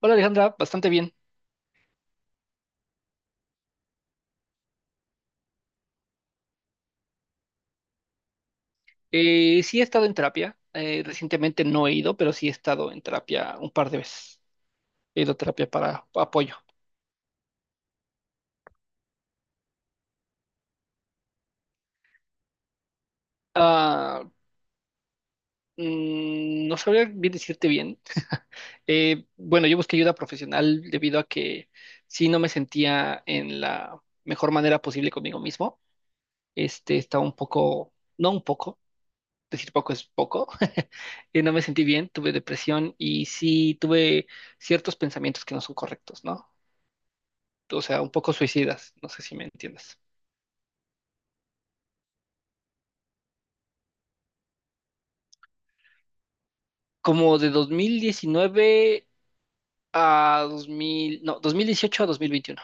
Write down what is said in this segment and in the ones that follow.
Hola Alejandra, bastante bien. Sí he estado en terapia. Recientemente no he ido, pero sí he estado en terapia un par de veces. He ido a terapia para apoyo. Ah, no sabría bien decirte bien. Bueno, yo busqué ayuda profesional debido a que sí no me sentía en la mejor manera posible conmigo mismo. Estaba un poco, no un poco, decir poco es poco. No me sentí bien, tuve depresión y sí tuve ciertos pensamientos que no son correctos, ¿no? O sea, un poco suicidas, no sé si me entiendes. Como de 2019 a 2000, no, 2018 a 2021.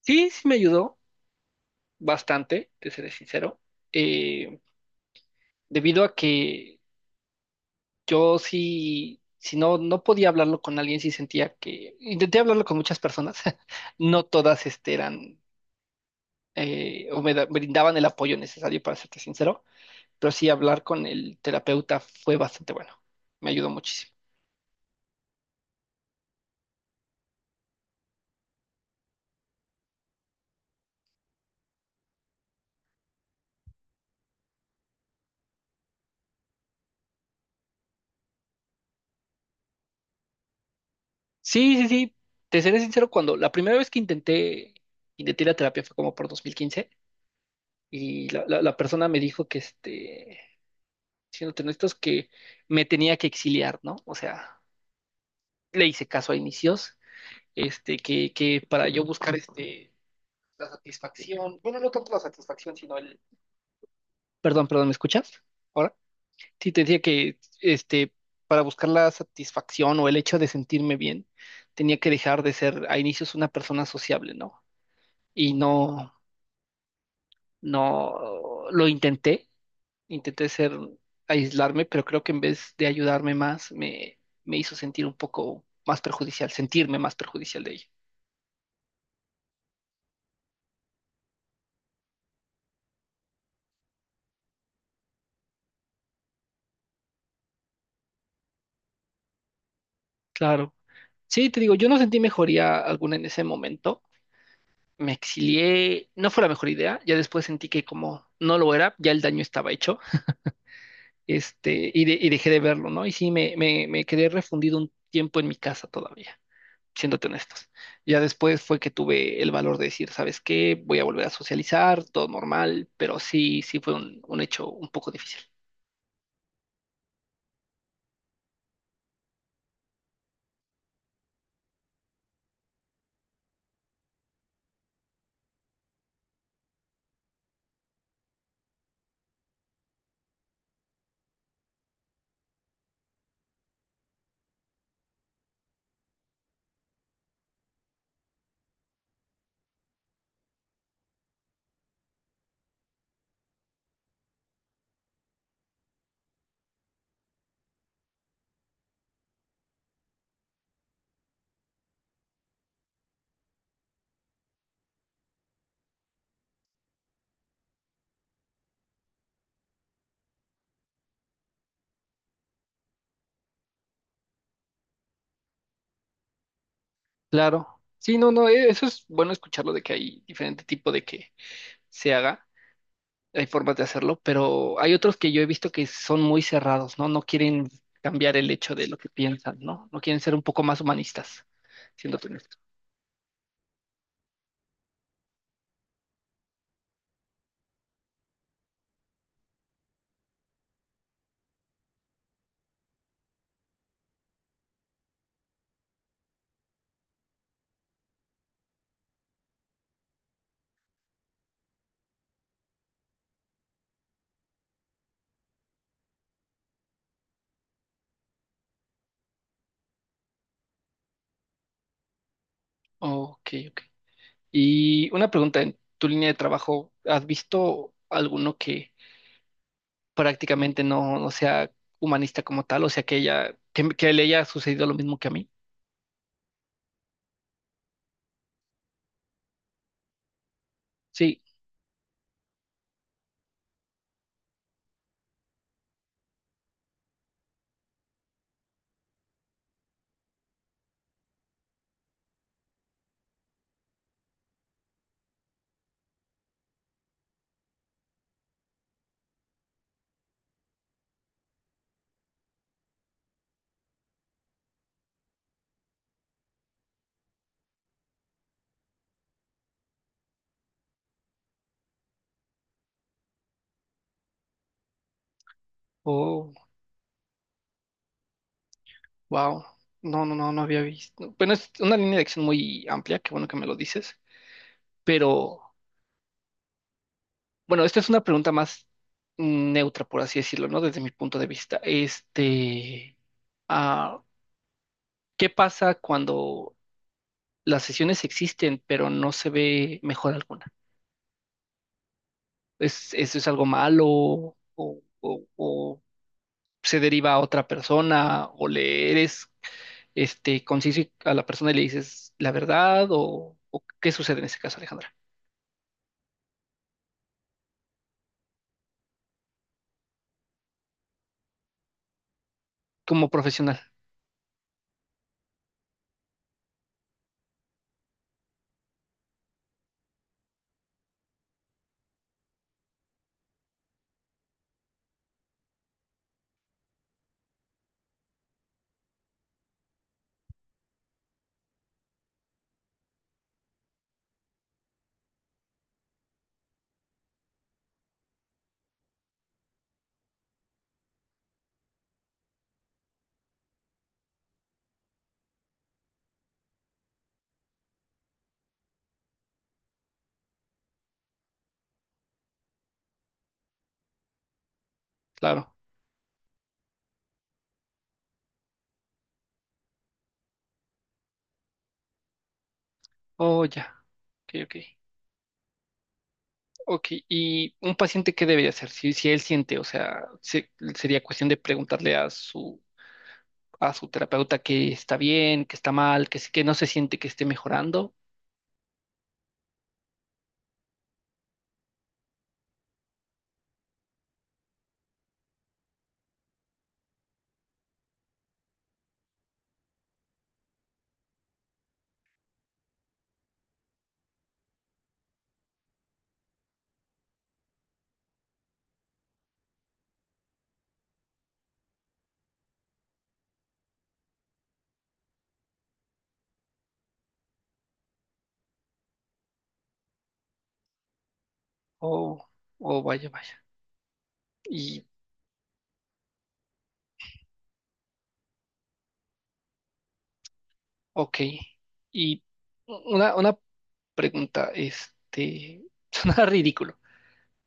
Sí, sí me ayudó bastante, te seré sincero, eh, debido a que yo sí, si no, no podía hablarlo con alguien, sí sentía que, intenté hablarlo con muchas personas, no todas eran, o brindaban el apoyo necesario, para serte sincero, pero sí hablar con el terapeuta fue bastante bueno, me ayudó muchísimo. Sí, sí, sí. Te seré sincero, cuando la primera vez que intenté la terapia fue como por 2015, y la persona me dijo que, siéndote honestos, que me tenía que exiliar, ¿no? O sea, le hice caso a inicios, que para yo buscar, la satisfacción, bueno, no tanto la satisfacción, sino el... Perdón, perdón, ¿me escuchas? Ahora, sí, te decía que, para buscar la satisfacción o el hecho de sentirme bien, tenía que dejar de ser a inicios una persona sociable, ¿no? Y no, no lo intenté, intenté ser, aislarme, pero creo que en vez de ayudarme más, me hizo sentir un poco más perjudicial, sentirme más perjudicial de ella. Claro. Sí, te digo, yo no sentí mejoría alguna en ese momento. Me exilié, no fue la mejor idea, ya después sentí que como no lo era, ya el daño estaba hecho, y dejé de verlo, ¿no? Y sí, me quedé refundido un tiempo en mi casa todavía. Siéndote honestos. Ya después fue que tuve el valor de decir, ¿sabes qué? Voy a volver a socializar, todo normal, pero sí, sí fue un hecho un poco difícil. Claro. Sí, no, no, eso es bueno escucharlo, de que hay diferente tipo de que se haga, hay formas de hacerlo, pero hay otros que yo he visto que son muy cerrados, ¿no? No quieren cambiar el hecho de lo que piensan, ¿no? No quieren ser un poco más humanistas, siéndote honesto. Ok, ok. Y una pregunta, en tu línea de trabajo, ¿has visto alguno que prácticamente no sea humanista como tal? O sea, que ella, que le haya sucedido lo mismo que a mí. Sí, oh, wow. No, no, no, no había visto. Bueno, es una línea de acción muy amplia, qué bueno que me lo dices, pero bueno, esta es una pregunta más neutra, por así decirlo, ¿no? Desde mi punto de vista. Ah, ¿Qué pasa cuando las sesiones existen, pero no se ve mejor alguna? ¿ Eso es algo malo, o, o se deriva a otra persona, o le eres conciso a la persona y le dices la verdad, o qué sucede en ese caso, Alejandra? Como profesional, claro. Oh, ya. Ok, ok. Ok, y un paciente, ¿qué debería hacer? Si él siente, o sea, sería cuestión de preguntarle a su terapeuta que está bien, que está mal, que no se siente que esté mejorando, o, o vaya, vaya. Y, ok, y una pregunta, suena ridículo.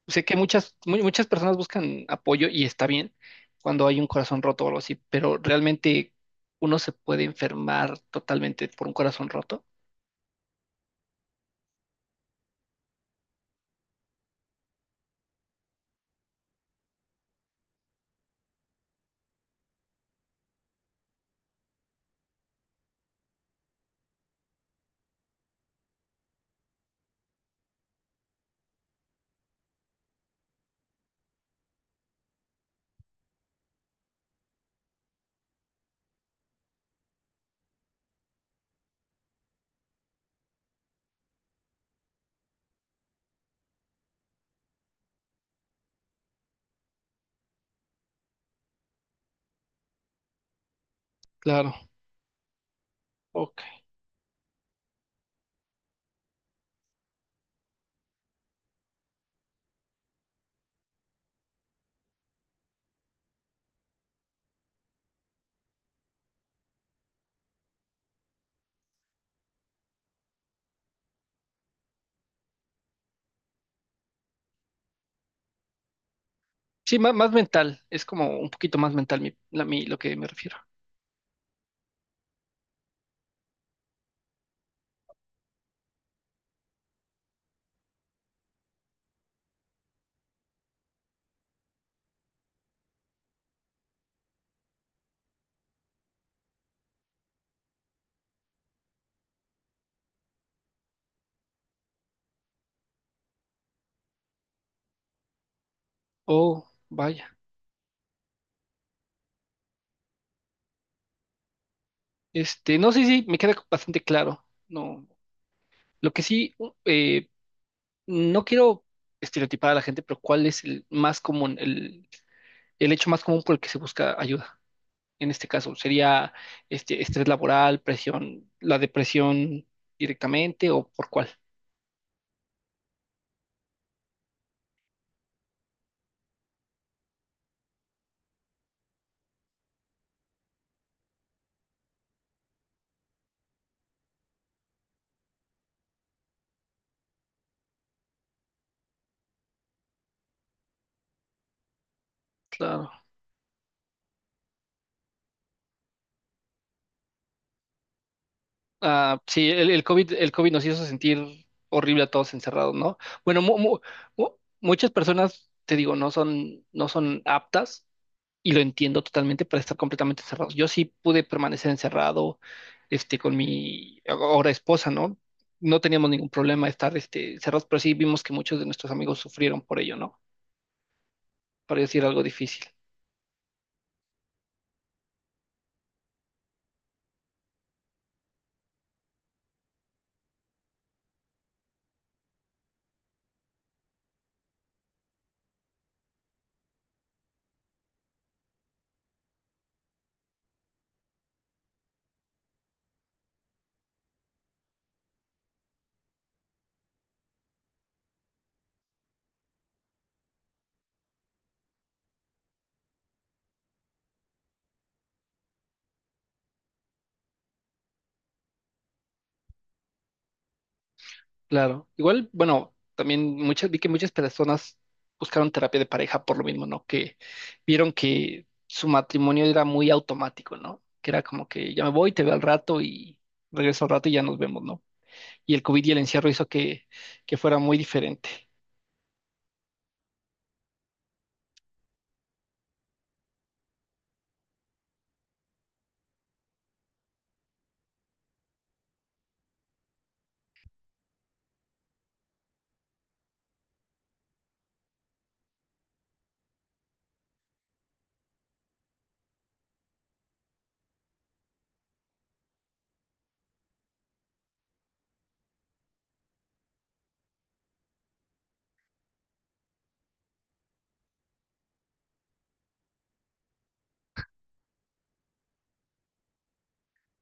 Sé que muchas, muchas personas buscan apoyo y está bien cuando hay un corazón roto o algo así, pero realmente uno se puede enfermar totalmente por un corazón roto. Claro, ok. Sí, más, mental, es como un poquito más mental lo que me refiero. Oh, vaya. No sé si me queda bastante claro. No, lo que sí, no quiero estereotipar a la gente, pero ¿cuál es el más común? El hecho más común por el que se busca ayuda, en este caso, ¿sería estrés laboral, presión, la depresión directamente, o por cuál? Claro. Ah, sí, el COVID, el COVID nos hizo sentir horrible a todos encerrados, ¿no? Bueno, mu- muchas personas, te digo, no son aptas, y lo entiendo totalmente, para estar completamente encerrados. Yo sí pude permanecer encerrado, con mi ahora esposa, ¿no? No teníamos ningún problema de estar, cerrados, pero sí vimos que muchos de nuestros amigos sufrieron por ello, ¿no? Para decir algo difícil, claro. Igual, bueno, también vi que muchas personas buscaron terapia de pareja por lo mismo, ¿no? Que vieron que su matrimonio era muy automático, ¿no? Que era como que ya me voy, te veo al rato y regreso al rato y ya nos vemos, ¿no? Y el COVID y el encierro hizo que fuera muy diferente.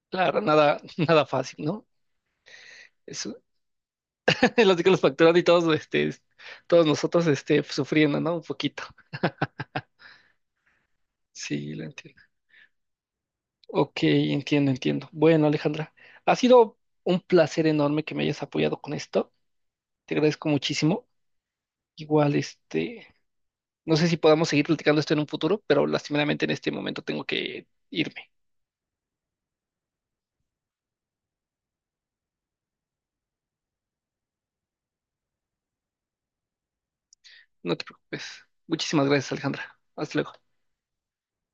Claro, nada, nada fácil, ¿no? Eso, los que los facturan y todos, todos nosotros, sufriendo, ¿no? Un poquito. Sí, lo entiendo. Ok, entiendo, entiendo. Bueno, Alejandra, ha sido un placer enorme que me hayas apoyado con esto. Te agradezco muchísimo. Igual, no sé si podamos seguir platicando esto en un futuro, pero lastimeramente en este momento tengo que irme. No te preocupes. Muchísimas gracias, Alejandra. Hasta luego.